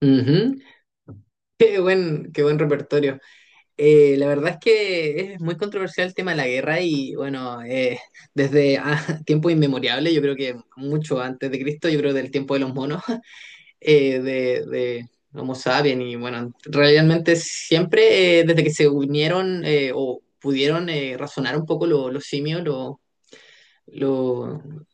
Ujú. Qué buen repertorio. La verdad es que es muy controversial el tema de la guerra y bueno, desde tiempo inmemoriable, yo creo que mucho antes de Cristo, yo creo del tiempo de los monos, de Homo sapiens y bueno, realmente siempre desde que se unieron o pudieron razonar un poco los simios, lo,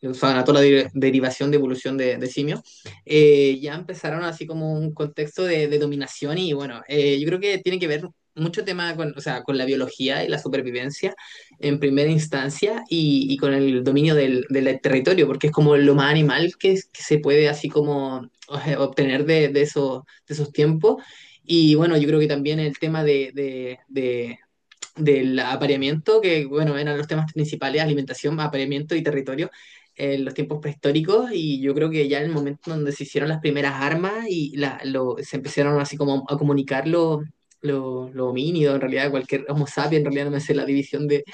o sea, ganó toda la derivación de evolución de simios, ya empezaron así como un contexto de dominación y bueno, yo creo que tiene que ver mucho tema con, o sea, con la biología y la supervivencia en primera instancia y con el dominio del territorio, porque es como lo más animal que, que se puede así como obtener de esos tiempos. Y bueno, yo creo que también el tema del apareamiento, que bueno, eran los temas principales: alimentación, apareamiento y territorio, en los tiempos prehistóricos, y yo creo que ya en el momento donde se hicieron las primeras armas y se empezaron así como a comunicar lo homínido, en realidad cualquier homo sapiens, en realidad no me sé la división de,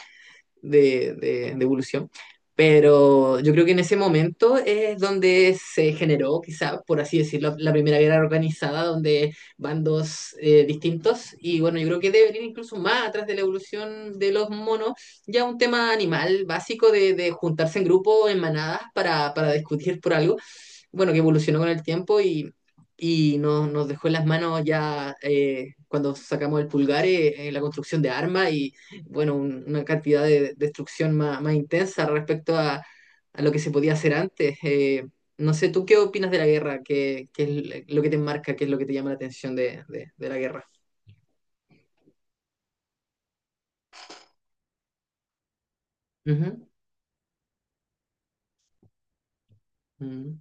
de, de- de evolución. Pero yo creo que en ese momento es donde se generó, quizá, por así decirlo, la primera guerra organizada, donde bandos distintos. Y bueno, yo creo que debe venir incluso más atrás de la evolución de los monos, ya un tema animal básico de juntarse en grupo, en manadas, para discutir por algo bueno, que evolucionó con el tiempo y nos, nos dejó en las manos ya cuando sacamos el pulgar la construcción de armas y, bueno, una cantidad de destrucción más, más intensa respecto a lo que se podía hacer antes. No sé, ¿tú qué opinas de la guerra? ¿Qué es lo que te marca? ¿Qué es lo que te llama la atención de la guerra? Ujú, ujú,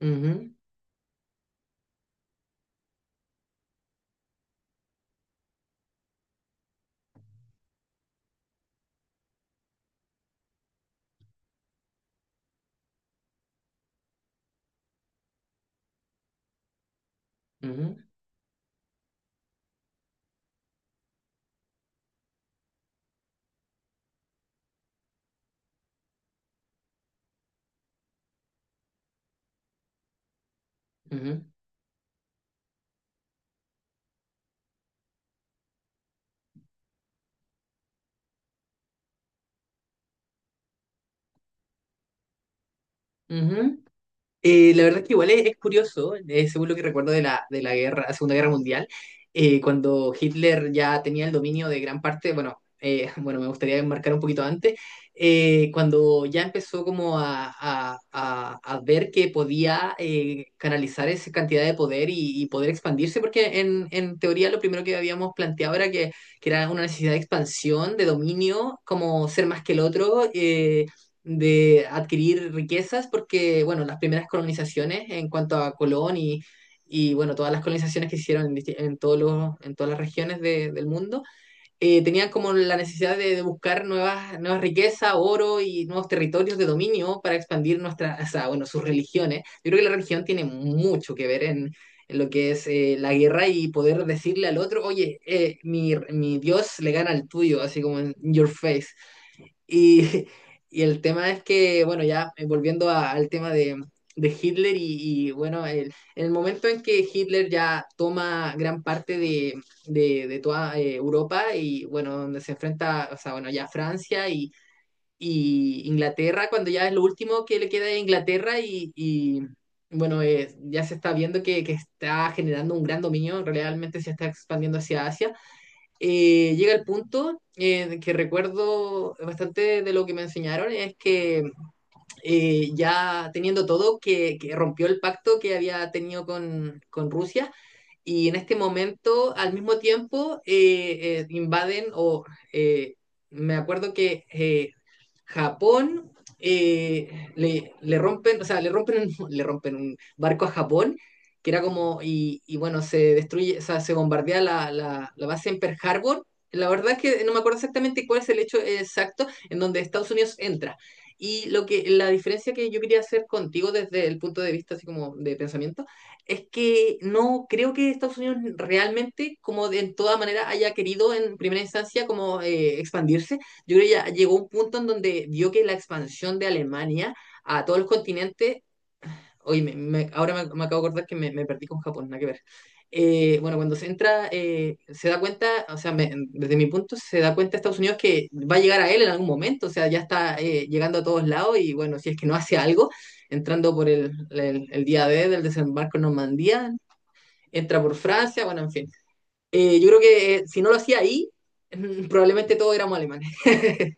ujú, ujú, ujú, ujú, ujú. La verdad es que igual es curioso, según lo que recuerdo de la guerra, Segunda Guerra Mundial, cuando Hitler ya tenía el dominio de gran parte, bueno, bueno, me gustaría enmarcar un poquito antes, cuando ya empezó como a ver que podía canalizar esa cantidad de poder y poder expandirse, porque en teoría lo primero que habíamos planteado era que era una necesidad de expansión, de dominio, como ser más que el otro. De adquirir riquezas porque, bueno, las primeras colonizaciones en cuanto a Colón y bueno, todas las colonizaciones que se hicieron en, en todos los, en todas las regiones del mundo, tenían como la necesidad de buscar nuevas, nuevas riquezas, oro y nuevos territorios de dominio para expandir nuestras, o sea, bueno, sus religiones. Yo creo que la religión tiene mucho que ver en lo que es la guerra y poder decirle al otro: oye, mi Dios le gana al tuyo, así como en your face. Y y el tema es que, bueno, ya volviendo al tema de Hitler y, bueno, el, en el momento en que Hitler ya toma gran parte de toda Europa y, bueno, donde se enfrenta, o sea, bueno, ya Francia y Inglaterra, cuando ya es lo último que le queda a Inglaterra y, bueno, ya se está viendo que está generando un gran dominio, realmente se está expandiendo hacia Asia. Llega el punto que recuerdo bastante de lo que me enseñaron, es que ya teniendo todo, que rompió el pacto que había tenido con Rusia y en este momento, al mismo tiempo, invaden eh, me acuerdo que Japón rompen, o sea, le rompen, le rompen un barco a Japón, que era como, y bueno, se destruye, o sea, se bombardea la, la base en Pearl Harbor. La verdad es que no me acuerdo exactamente cuál es el hecho exacto en donde Estados Unidos entra. Y lo que, la diferencia que yo quería hacer contigo desde el punto de vista así como de pensamiento, es que no creo que Estados Unidos realmente, como de en toda manera, haya querido en primera instancia como expandirse. Yo creo que ya llegó un punto en donde vio que la expansión de Alemania a todos los continentes... oye, ahora me, me acabo de acordar que me perdí con Japón, nada que ver. Bueno, cuando se entra, se da cuenta, o sea, desde mi punto se da cuenta Estados Unidos que va a llegar a él en algún momento, o sea, ya está llegando a todos lados y bueno, si es que no hace algo, entrando por el día D del desembarco en Normandía, entra por Francia, bueno, en fin. Yo creo que si no lo hacía ahí, probablemente todos éramos alemanes.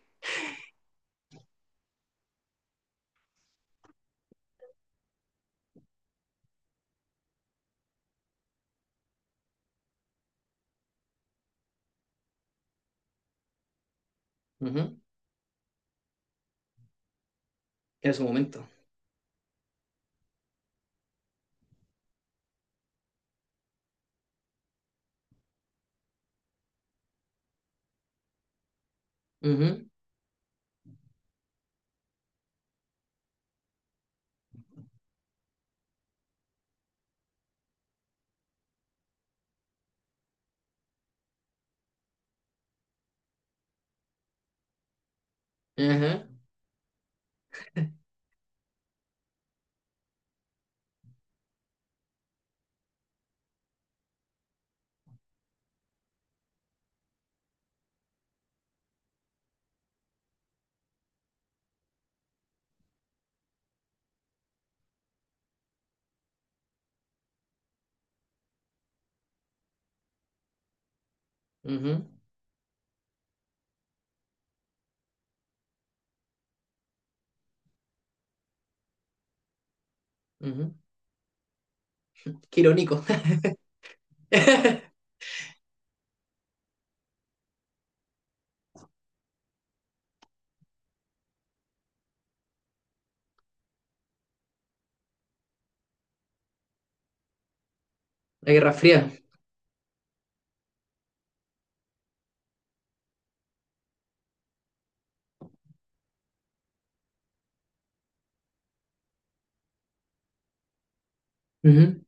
Ujú. En su momento. Ujú, ajá, ujú, ujú. Qué irónico. La Guerra Fría. Ujú,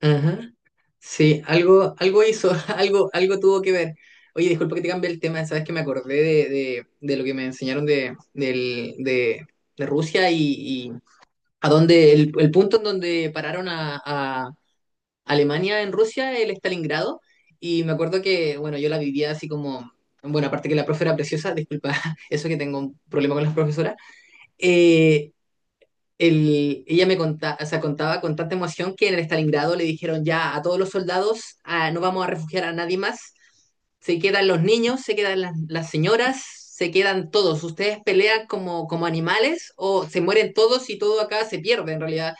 ajá. Sí, algo, algo hizo, algo, algo tuvo que ver. Oye, disculpa que te cambie el tema, sabes que me acordé de, de lo que me enseñaron de, de Rusia y a donde el punto en donde pararon a Alemania en Rusia, el Stalingrado, y me acuerdo que, bueno, yo la vivía así como, bueno, aparte que la profe era preciosa, disculpa, eso que tengo un problema con las profesoras. eh, Ella me contaba, o sea, contaba con tanta emoción que en el Stalingrado le dijeron ya a todos los soldados: ah, no vamos a refugiar a nadie más, se quedan los niños, se quedan las señoras, se quedan todos. Ustedes pelean como, como animales o se mueren todos y todo acá se pierde en realidad.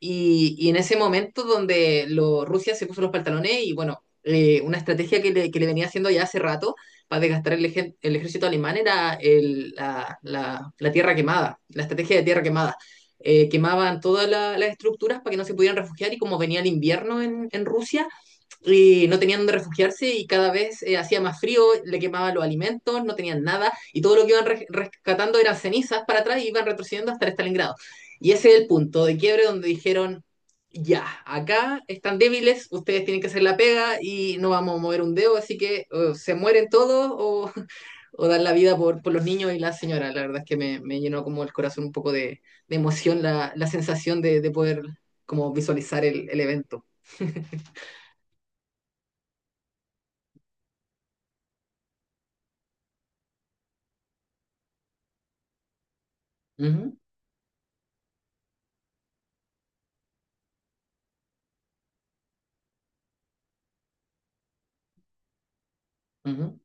Y en ese momento donde Rusia se puso los pantalones y bueno, una estrategia que le venía haciendo ya hace rato para desgastar el, el ejército alemán era la tierra quemada, la estrategia de tierra quemada. Quemaban todas las estructuras para que no se pudieran refugiar y como venía el invierno en Rusia, y no tenían donde refugiarse y cada vez hacía más frío, le quemaban los alimentos, no tenían nada y todo lo que iban rescatando eran cenizas para atrás y iban retrocediendo hasta el Stalingrado. Y ese es el punto de quiebre donde dijeron, ya, acá están débiles, ustedes tienen que hacer la pega y no vamos a mover un dedo, así que se mueren todos o dar la vida por los niños y la señora. La verdad es que me llenó como el corazón un poco de emoción la, la sensación de poder como visualizar el evento. Ujú, ujú,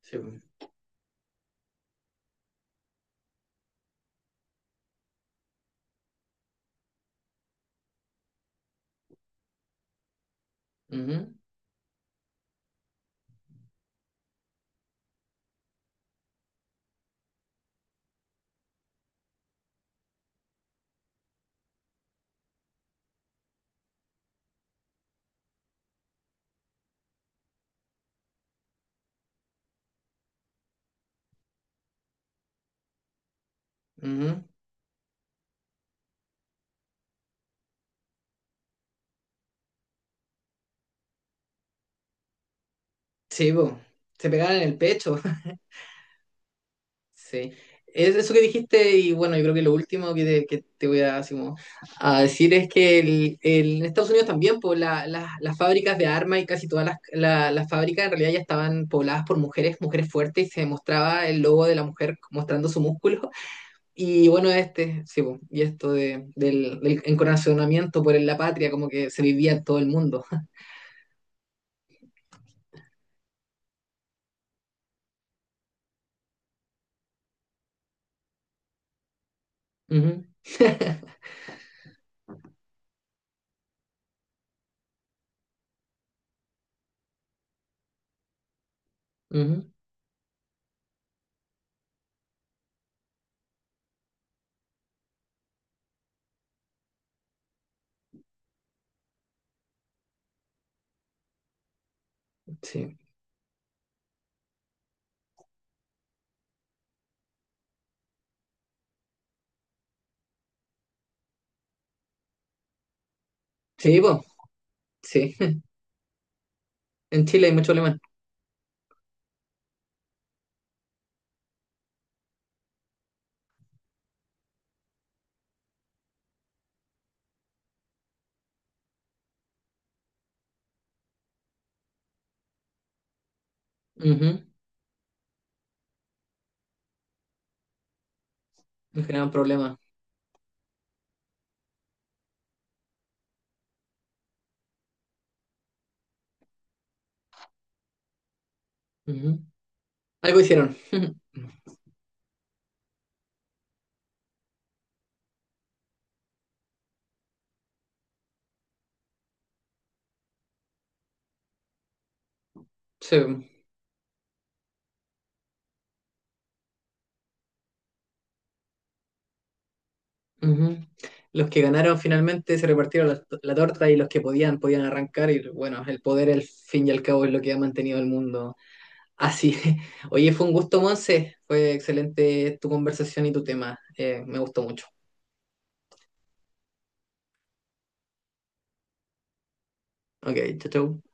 sí, po. Ujú, ujú. Sí, po. Se pegaban en el pecho. Sí, es eso que dijiste y bueno, yo creo que lo último que te voy a, así como, a decir es que en Estados Unidos también pues, las fábricas de armas y casi todas las, las fábricas en realidad ya estaban pobladas por mujeres, mujeres fuertes y se mostraba el logo de la mujer mostrando su músculo. Y bueno, este, sí, pues, y esto de, del, del encorazonamiento por la patria como que se vivía en todo el mundo. Ujú, ujú, sí, sí, pues, sí, en Chile hay mucho alemán. Ujú, nos generan problemas. Ujú. Algo hicieron. Sí. Ujú. Los que ganaron finalmente se repartieron la, la torta y los que podían, podían arrancar. Y bueno, el poder, al fin y al cabo, es lo que ha mantenido el mundo así. Oye, fue un gusto, Monse. Fue excelente tu conversación y tu tema. Me gustó mucho. Ok, chau, chau.